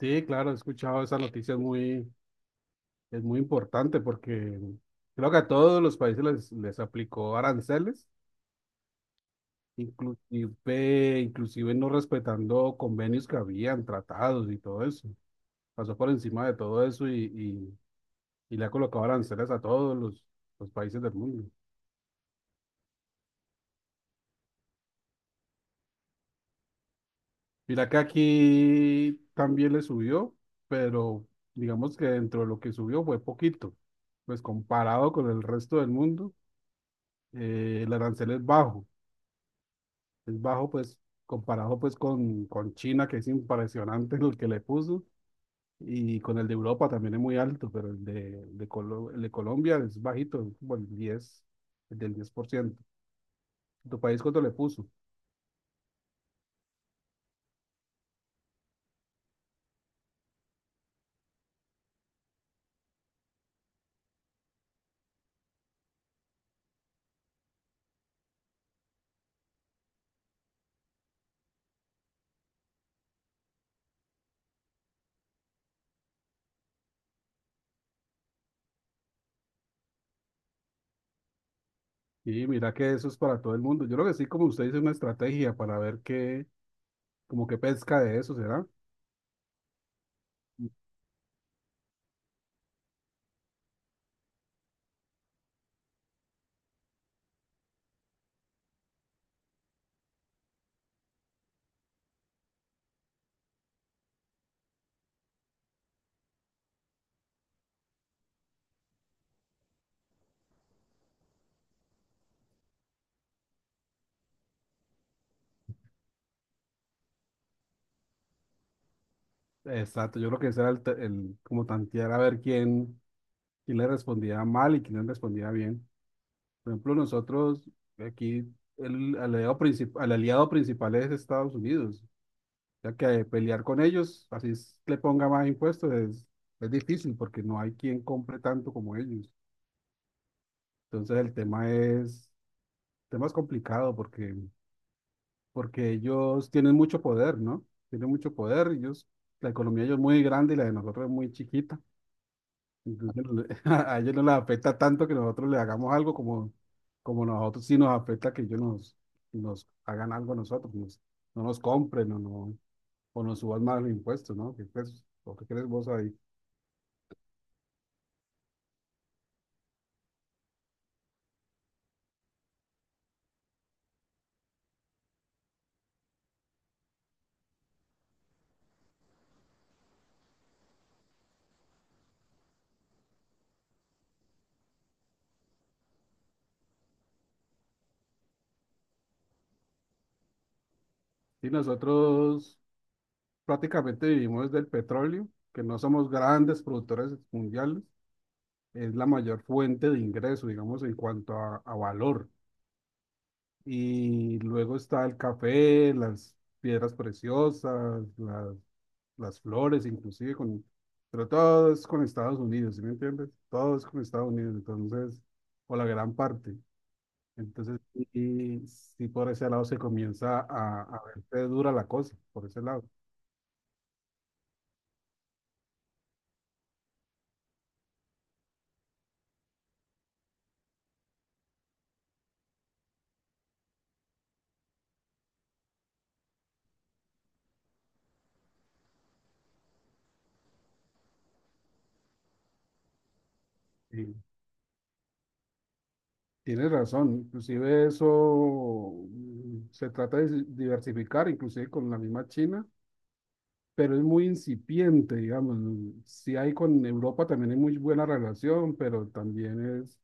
Sí, claro, he escuchado esa noticia, es muy importante porque creo que a todos los países les aplicó aranceles, inclusive no respetando convenios que habían, tratados y todo eso. Pasó por encima de todo eso, y le ha colocado aranceles a los países del mundo. Mira que aquí también le subió, pero digamos que dentro de lo que subió fue poquito, pues comparado con el resto del mundo, el arancel es bajo pues comparado pues con China, que es impresionante lo que le puso, y con el de Europa también es muy alto, pero el el de Colombia es bajito, es como el 10, el del diez por ciento. ¿Tu país cuánto le puso? Y mira que eso es para todo el mundo. Yo creo que sí, como usted dice, una estrategia para ver qué, como qué pesca de eso será. Exacto, yo creo que ese era como tantear a ver quién, quién le respondía mal y quién le respondía bien. Por ejemplo, nosotros aquí el aliado principal es Estados Unidos, ya que pelear con ellos, le ponga más impuestos, es difícil porque no hay quien compre tanto como ellos. Entonces el tema es complicado porque ellos tienen mucho poder, ¿no? Tienen mucho poder, ellos, la economía de ellos es muy grande y la de nosotros es muy chiquita. Entonces, no le- a ellos no les afecta tanto que nosotros les hagamos algo como, como nosotros sí nos afecta que ellos nos hagan algo a nosotros, no nos compren o, no, o nos suban más los impuestos, ¿no? ¿Qué crees, o qué crees vos ahí? Y nosotros prácticamente vivimos del petróleo, que no somos grandes productores mundiales, es la mayor fuente de ingreso, digamos, en cuanto a valor. Y luego está el café, las piedras preciosas, las flores, inclusive con, pero todo es con Estados Unidos, ¿sí me entiendes? Todo es con Estados Unidos, entonces, o la gran parte. Entonces, sí, sí por ese lado se comienza a verte dura la cosa, por ese lado. Sí, tienes razón, inclusive eso se trata de diversificar, inclusive con la misma China, pero es muy incipiente, digamos. Si hay con Europa también hay muy buena relación, pero también es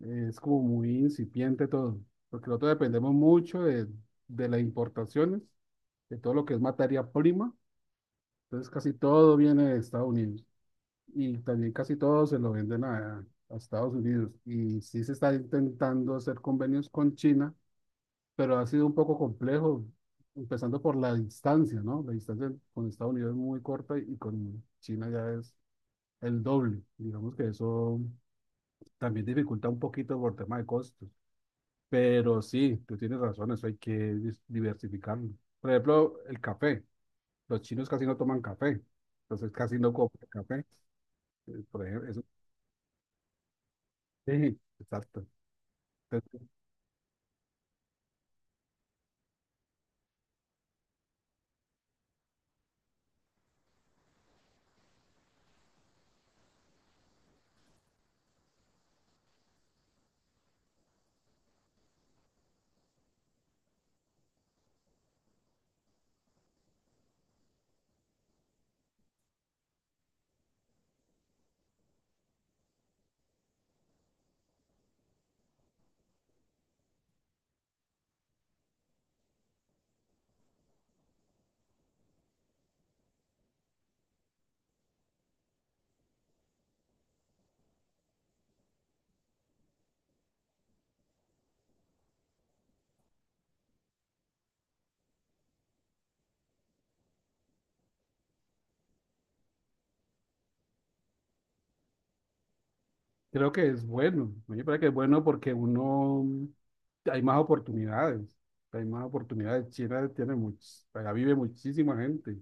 es como muy incipiente todo, porque nosotros dependemos mucho de las importaciones, de todo lo que es materia prima. Entonces casi todo viene de Estados Unidos y también casi todo se lo venden a Estados Unidos. Y sí se está intentando hacer convenios con China, pero ha sido un poco complejo, empezando por la distancia, ¿no? La distancia con Estados Unidos es muy corta y con China ya es el doble. Digamos que eso también dificulta un poquito por tema de costos. Pero sí, tú tienes razón, eso hay que diversificarlo. Por ejemplo, el café. Los chinos casi no toman café, entonces casi no compran café. Por ejemplo, eso, sí, exacto. Entonces, creo que es bueno. A mí me parece que es bueno porque uno, hay más oportunidades. Hay más oportunidades. China tiene muchos, allá vive muchísima gente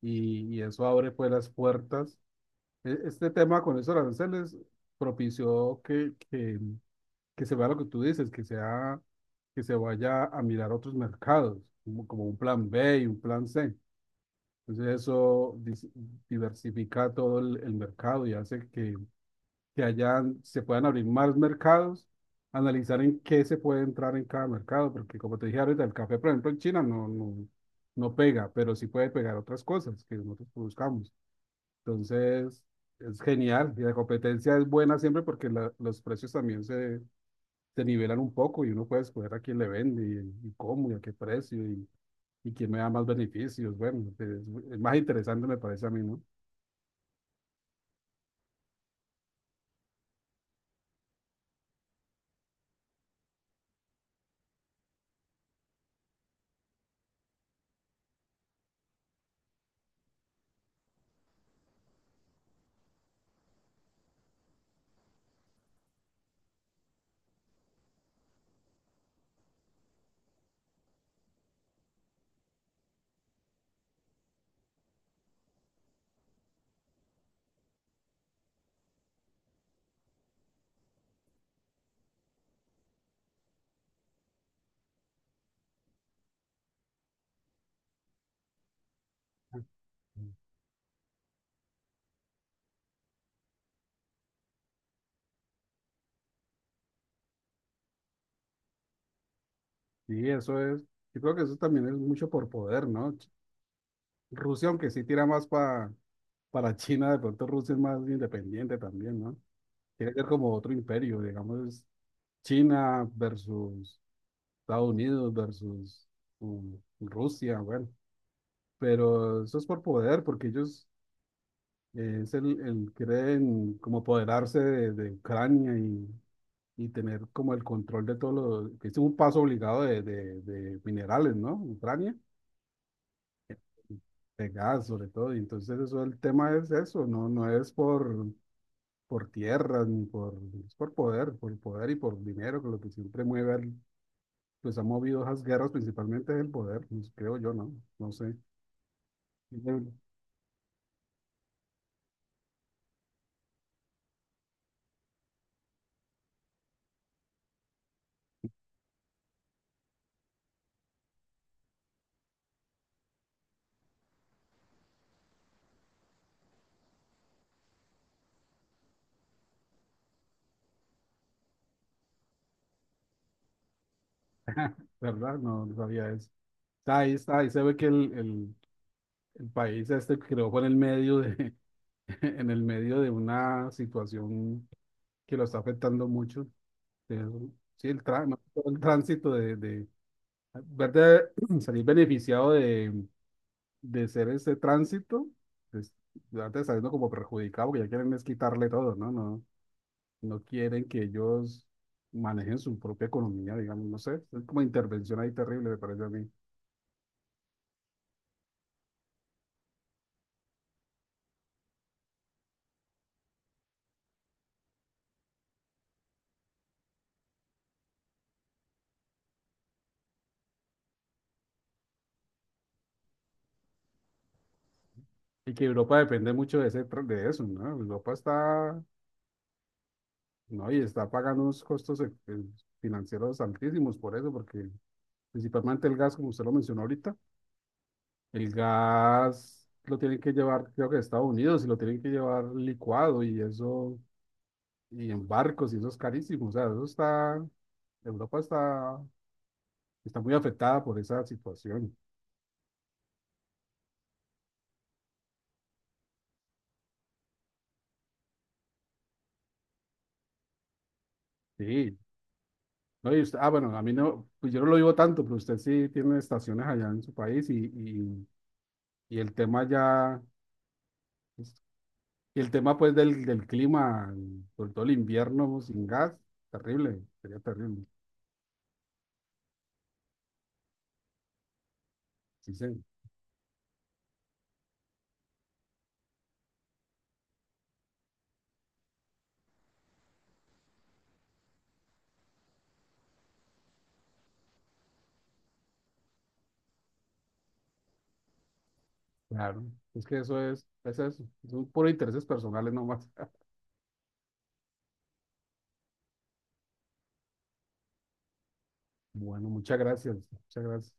y eso abre pues las puertas. Este tema con esos aranceles propició que se vea lo que tú dices, que sea, que se vaya a mirar otros mercados, como, como un plan B y un plan C. Entonces diversifica todo el mercado y hace que hayan, se puedan abrir más mercados, analizar en qué se puede entrar en cada mercado, porque como te dije ahorita, el café, por ejemplo, en China no pega, pero sí puede pegar otras cosas que nosotros buscamos. Entonces es genial y la competencia es buena siempre porque los precios también se nivelan un poco y uno puede escoger a quién le vende y cómo y a qué precio, y quién me da más beneficios. Bueno, es más interesante me parece a mí, ¿no? Sí, eso es, yo creo que eso también es mucho por poder, ¿no? Rusia, aunque sí tira más para China, de pronto Rusia es más independiente también, ¿no? Quiere ser como otro imperio, digamos, es China versus Estados Unidos versus Rusia, bueno, pero eso es por poder, porque ellos es el querer como apoderarse de Ucrania y tener como el control de todo lo que es un paso obligado de minerales, ¿no? Ucrania, de gas sobre todo. Y entonces eso, el tema es eso, no es por tierras ni por, es por poder y por dinero, que lo que siempre mueve, pues ha movido esas guerras principalmente es el poder, pues, creo yo, ¿no? No sé. De verdad, no sabía eso. Está ahí, se ve que el país este creó por el medio de, en el medio de una situación que lo está afectando mucho. Eh, Sí, el, más que todo el tránsito de verte salir beneficiado de ser ese tránsito, pues, verte saliendo como perjudicado, porque ya quieren es quitarle todo, ¿no? No, no quieren que ellos manejen su propia economía, digamos, no sé. Es como intervención ahí terrible, me parece a mí. Y que Europa depende mucho de ese, de eso, ¿no? Europa está. No, y está pagando unos costos financieros altísimos por eso, porque principalmente el gas, como usted lo mencionó ahorita, el gas lo tienen que llevar, creo que de Estados Unidos, y lo tienen que llevar licuado y eso, y en barcos, y eso es carísimo. O sea, eso está, Europa está, está muy afectada por esa situación. Sí. No, y usted, ah, bueno, a mí no, pues yo no lo vivo tanto, pero usted sí tiene estaciones allá en su país y el tema ya. Y el tema pues del clima, por todo el invierno sin gas, terrible, sería terrible. Sí, sí, claro. Es que eso es eso, son puros intereses personales nomás. Bueno, muchas gracias, muchas gracias.